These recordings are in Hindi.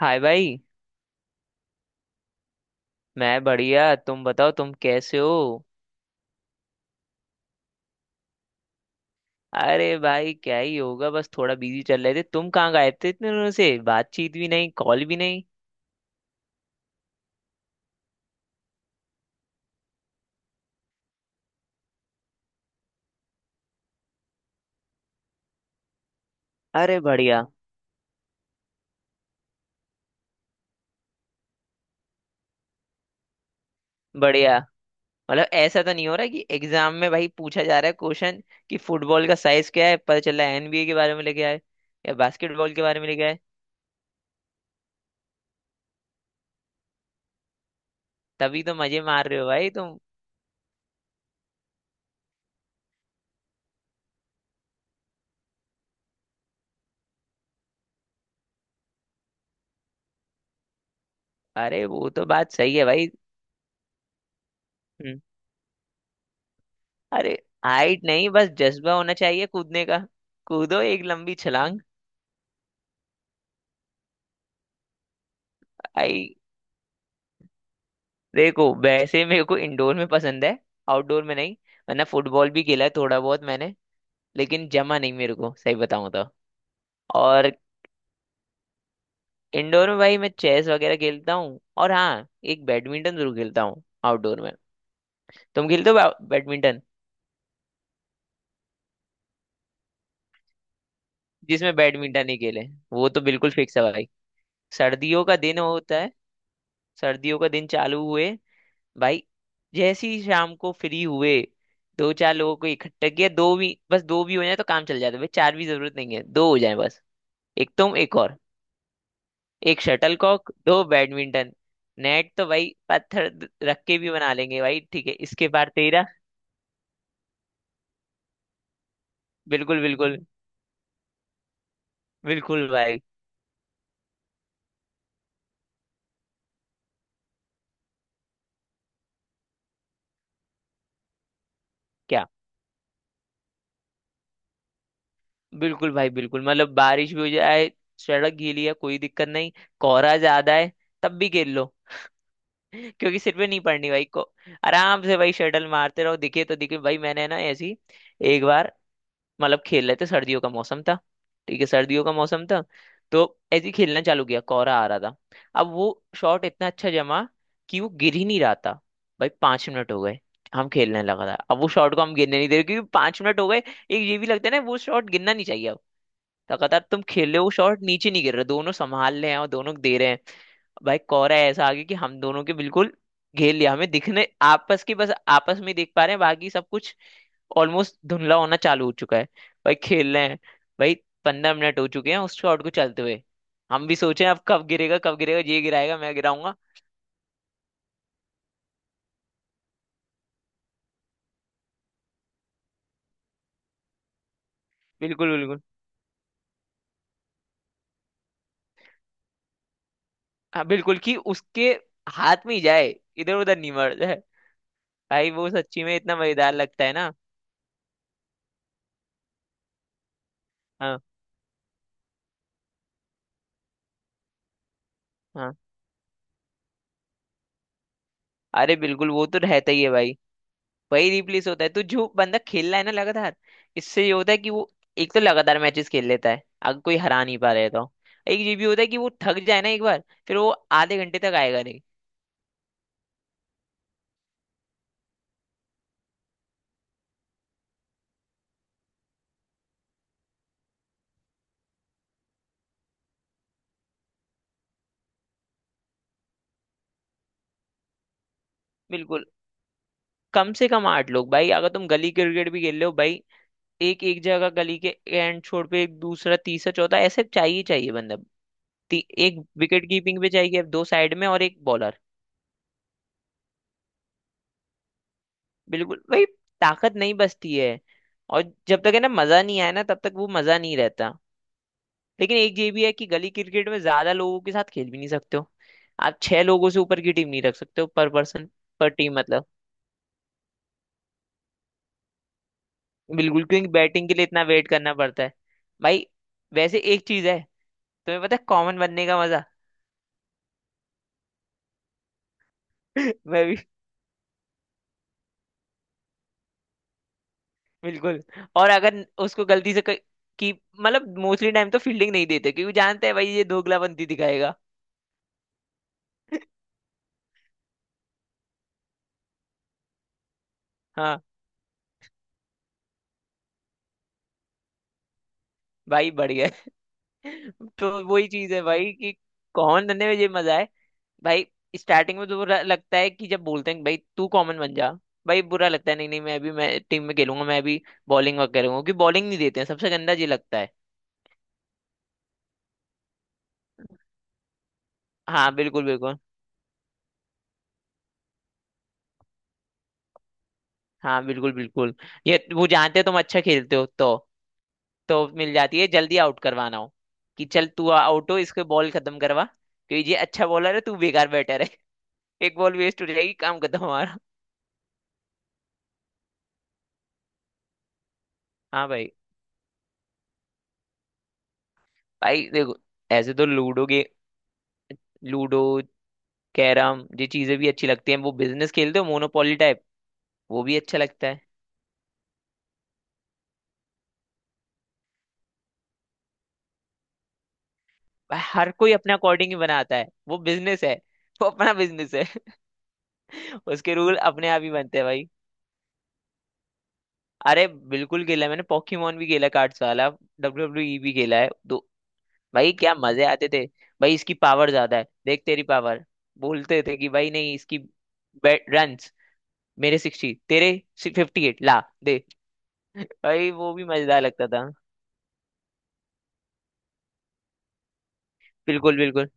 हाय भाई। मैं बढ़िया, तुम बताओ तुम कैसे हो। अरे भाई क्या ही होगा, बस थोड़ा बिजी चल रहे थे। तुम कहाँ गए थे इतने दिनों से, बातचीत भी नहीं, कॉल भी नहीं। अरे बढ़िया। बढ़िया। मतलब ऐसा तो नहीं हो रहा कि एग्जाम में भाई पूछा जा रहा है क्वेश्चन कि फुटबॉल का साइज क्या है, पता चला एनबीए के बारे में लेके आए या बास्केटबॉल के बारे में लेके आए। तभी तो मजे मार रहे हो भाई तुम। अरे वो तो बात सही है भाई। हम्म। अरे हाइट नहीं, बस जज्बा होना चाहिए कूदने का। कूदो एक लंबी छलांग। आई, देखो वैसे मेरे को इंडोर में पसंद है, आउटडोर में नहीं। वरना फुटबॉल भी खेला है थोड़ा बहुत मैंने, लेकिन जमा नहीं मेरे को सही बताऊं तो। और इंडोर में भाई मैं चेस वगैरह खेलता हूँ, और हाँ एक बैडमिंटन जरूर खेलता हूँ आउटडोर में। तुम खेलते हो बैडमिंटन। जिसमें बैडमिंटन ही खेले, वो तो बिल्कुल फिक्स है भाई। सर्दियों का दिन होता है। सर्दियों का दिन चालू हुए भाई, जैसे ही शाम को फ्री हुए, दो चार लोगों को इकट्ठा किया। दो भी, बस दो भी हो जाए तो काम चल जाता है भाई, चार भी जरूरत नहीं है, दो हो जाए बस। एक तुम एक और। एक शटलकॉक, दो बैडमिंटन। नेट तो भाई पत्थर रख के भी बना लेंगे भाई, ठीक है इसके पार तेरा। बिल्कुल बिल्कुल। बिल्कुल भाई। क्या बिल्कुल भाई। बिल्कुल मतलब बारिश भी हो जाए, सड़क गीली है, कोई दिक्कत नहीं। कोहरा ज्यादा है, तब भी खेल लो। क्योंकि सिर पे नहीं पड़नी भाई को। आराम से भाई शटल मारते रहो, दिखे तो दिखे। भाई मैंने ना ऐसी एक बार, मतलब खेल रहे थे, सर्दियों का मौसम था, ठीक है सर्दियों का मौसम था, तो ऐसे ही खेलना चालू किया, कोहरा आ रहा था। अब वो शॉट इतना अच्छा जमा कि वो गिर ही नहीं रहा था। भाई 5 मिनट हो गए, हम खेलने लगा था, अब वो शॉट को हम गिरने नहीं दे रहे, क्योंकि 5 मिनट हो गए, एक ये भी लगता है ना वो शॉट गिरना नहीं चाहिए अब। लगातार तुम खेल रहे हो, शॉट नीचे नहीं गिर रहा, दोनों संभाल रहे हैं और दोनों दे रहे हैं। भाई कोहरा ऐसा आ गया कि हम दोनों के बिल्कुल घेर लिया हमें, दिखने आपस की, बस आपस में ही देख पा रहे हैं, बाकी सब कुछ ऑलमोस्ट धुंधला होना चालू हो चुका है। भाई खेल रहे हैं भाई। 15 मिनट हो चुके हैं उस शॉट को चलते हुए। हम भी सोचे अब कब गिरेगा, कब गिरेगा, ये गिराएगा मैं गिराऊंगा। बिल्कुल बिल्कुल। हाँ बिल्कुल, कि उसके हाथ में ही जाए, इधर उधर नहीं मर जाए। भाई वो सच्ची में इतना मजेदार लगता है ना। हाँ। हाँ, अरे बिल्कुल वो तो रहता ही है भाई। वही रिप्लेस होता है, तो जो बंदा खेल रहा है ना लगातार, इससे ये होता है कि वो एक तो लगातार मैचेस खेल लेता है अगर कोई हरा नहीं पा रहे है तो। एक ये भी होता है कि वो थक जाए ना एक बार, फिर वो आधे घंटे तक आएगा नहीं। बिल्कुल। कम से कम 8 लोग भाई, अगर तुम गली क्रिकेट भी खेल रहे हो भाई। एक एक जगह गली के एंड छोर पे, एक दूसरा तीसरा चौथा ऐसे चाहिए ही चाहिए बंदा। एक विकेट कीपिंग पे चाहिए, अब दो साइड में और एक बॉलर। बिल्कुल भाई। ताकत नहीं बचती है। और जब तक है ना मजा नहीं आया ना, तब तक वो मजा नहीं रहता। लेकिन एक ये भी है कि गली क्रिकेट में ज्यादा लोगों के साथ खेल भी नहीं सकते हो। आप 6 लोगों से ऊपर की टीम नहीं रख सकते हो पर पर्सन। पर टीम मतलब। बिल्कुल, क्योंकि बैटिंग के लिए इतना वेट करना पड़ता है भाई। वैसे एक चीज है, तुम्हें पता है कॉमन बनने का मजा। मैं भी। बिल्कुल। और अगर उसको गलती से कोई- कि मतलब मोस्टली टाइम तो फील्डिंग नहीं देते, क्योंकि जानते हैं भाई ये दोगलाबंदी दिखाएगा। हाँ भाई बढ़ गया। तो वही चीज है भाई कि कौन धंधे में ये मजा है भाई। स्टार्टिंग में तो बुरा लगता है कि जब बोलते हैं कि भाई तू कॉमन बन जा, भाई बुरा लगता है, नहीं नहीं मैं भी, मैं टीम में खेलूंगा, मैं भी बॉलिंग वगैरह करूंगा, क्योंकि बॉलिंग नहीं देते हैं, सबसे गंदा ये लगता है। हाँ बिल्कुल बिल्कुल। हाँ बिल्कुल बिल्कुल। ये वो जानते हैं तुम अच्छा खेलते हो, तो मिल जाती है जल्दी, आउट करवाना हो कि चल तू आउट हो, इसको बॉल खत्म करवा, क्योंकि ये अच्छा बॉलर है तू बेकार बैटर है। एक बॉल वेस्ट हो जाएगी, काम खत्म हमारा। हाँ भाई। भाई देखो, ऐसे तो लूडो के, लूडो, कैरम, ये चीजें भी अच्छी लगती हैं। वो बिजनेस खेलते हो मोनोपोली टाइप, वो भी अच्छा लगता है। भाई हर कोई अपने अकॉर्डिंग ही बनाता है वो बिजनेस है, वो अपना बिजनेस है। उसके रूल अपने आप ही बनते हैं भाई। अरे बिल्कुल खेला है मैंने, पोकेमोन भी खेला कार्ड्स वाला, डब्ल्यू डब्ल्यू ई भी खेला है दो। भाई क्या मजे आते थे, भाई इसकी पावर ज्यादा है, देख तेरी पावर। बोलते थे कि भाई नहीं इसकी रन मेरे 60, तेरे 58 ला दे। भाई वो भी मजेदार लगता था। बिल्कुल बिल्कुल।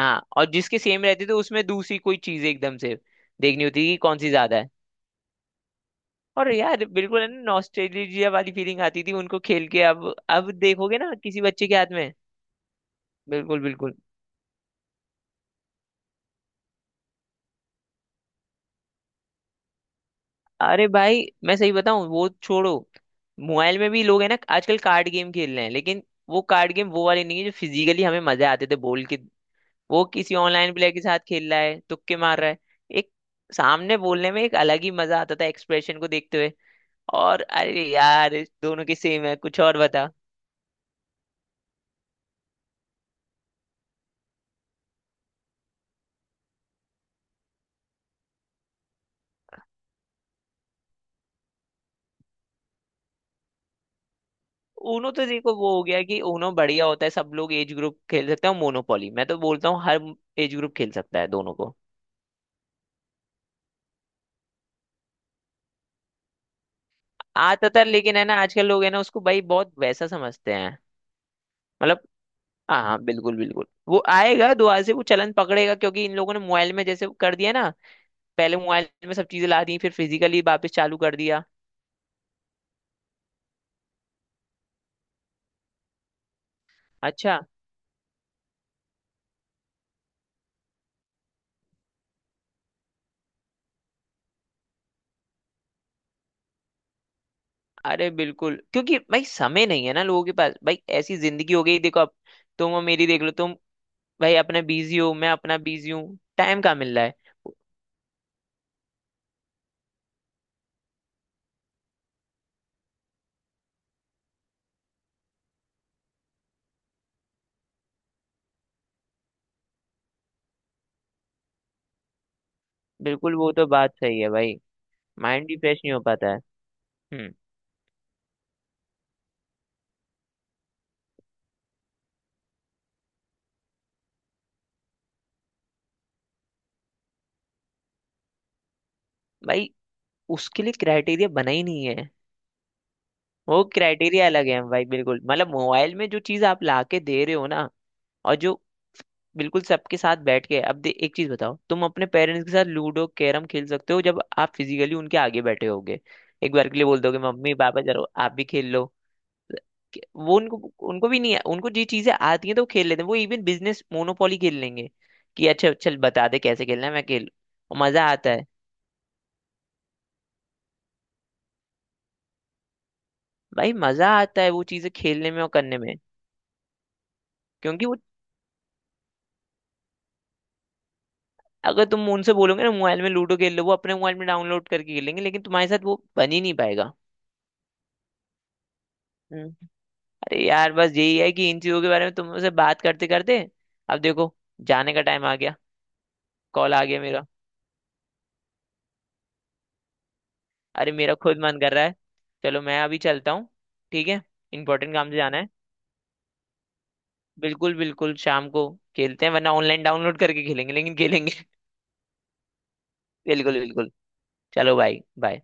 हाँ, और जिसके सेम रहते थे, उसमें दूसरी कोई चीज एकदम से देखनी होती थी कि कौन सी ज्यादा है। और यार बिल्कुल है ना, नॉस्टैल्जिया वाली फीलिंग आती थी उनको खेल के, अब देखोगे ना किसी बच्चे के हाथ में। बिल्कुल बिल्कुल। अरे भाई मैं सही बताऊं, वो छोड़ो, मोबाइल में भी लोग है ना आजकल कार्ड गेम खेल रहे हैं, लेकिन वो कार्ड गेम वो वाले नहीं है जो फिजिकली हमें मजे आते थे बोल के। वो किसी ऑनलाइन प्लेयर के साथ खेल रहा है, तुक्के मार रहा है। एक सामने बोलने में एक अलग ही मजा आता था एक्सप्रेशन को देखते हुए। और अरे यार दोनों की सेम है, कुछ और बता। ऊनो तो देखो वो हो गया कि ऊनो बढ़िया होता है, सब लोग एज ग्रुप खेल सकते हैं। मोनोपोली मैं तो बोलता हूँ हर एज ग्रुप खेल सकता है, दोनों को। आता था, लेकिन है ना आजकल लोग है ना उसको भाई बहुत वैसा समझते हैं। मतलब हाँ हाँ बिल्कुल बिल्कुल वो आएगा, दुआ से वो चलन पकड़ेगा, क्योंकि इन लोगों ने मोबाइल में जैसे कर दिया ना, पहले मोबाइल में सब चीजें ला दी, फिर फिजिकली वापस चालू कर दिया। अच्छा। अरे बिल्कुल, क्योंकि भाई समय नहीं है ना लोगों के पास, भाई ऐसी जिंदगी हो गई, देखो अब तुम और मेरी देख लो, तुम भाई अपने बिजी हूँ, मैं अपना बिजी हूँ, टाइम कहाँ मिल रहा है। बिल्कुल वो तो बात सही है भाई। माइंड भी फ्रेश नहीं हो पाता है। हम्म। भाई उसके लिए क्राइटेरिया बना ही नहीं है। वो क्राइटेरिया अलग है भाई, बिल्कुल मतलब मोबाइल में जो चीज आप ला के दे रहे हो ना, और जो बिल्कुल सबके साथ बैठ के, एक चीज बताओ, तुम अपने पेरेंट्स के साथ लूडो कैरम खेल सकते हो जब आप फिजिकली उनके आगे बैठे होगे। एक बार के लिए बोल दोगे मम्मी पापा चलो आप भी खेल लो। वो उनको, उनको भी नहीं, उनको जी चीजें आती हैं तो वो खेल लेते हैं, वो इवन बिजनेस मोनोपोली खेल लेंगे कि अच्छा चल बता दे कैसे खेलना है मैं खेल। और मजा आता है। भाई मजा आता है वो चीजें खेलने में और करने में। क्योंकि वो, अगर तुम उनसे बोलोगे ना मोबाइल में लूडो खेल लो, वो अपने मोबाइल में डाउनलोड करके खेलेंगे, लेकिन तुम्हारे साथ वो बन ही नहीं पाएगा। हम्म। अरे यार बस यही है कि इन चीजों के बारे में तुमसे बात करते करते, अब देखो जाने का टाइम आ गया, कॉल आ गया मेरा। अरे मेरा खुद मन कर रहा है। चलो मैं अभी चलता हूँ, ठीक है। इंपॉर्टेंट काम से जाना है। बिल्कुल बिल्कुल, शाम को खेलते हैं, वरना ऑनलाइन डाउनलोड करके खेलेंगे, लेकिन खेलेंगे। बिल्कुल बिल्कुल। चलो भाई बाय।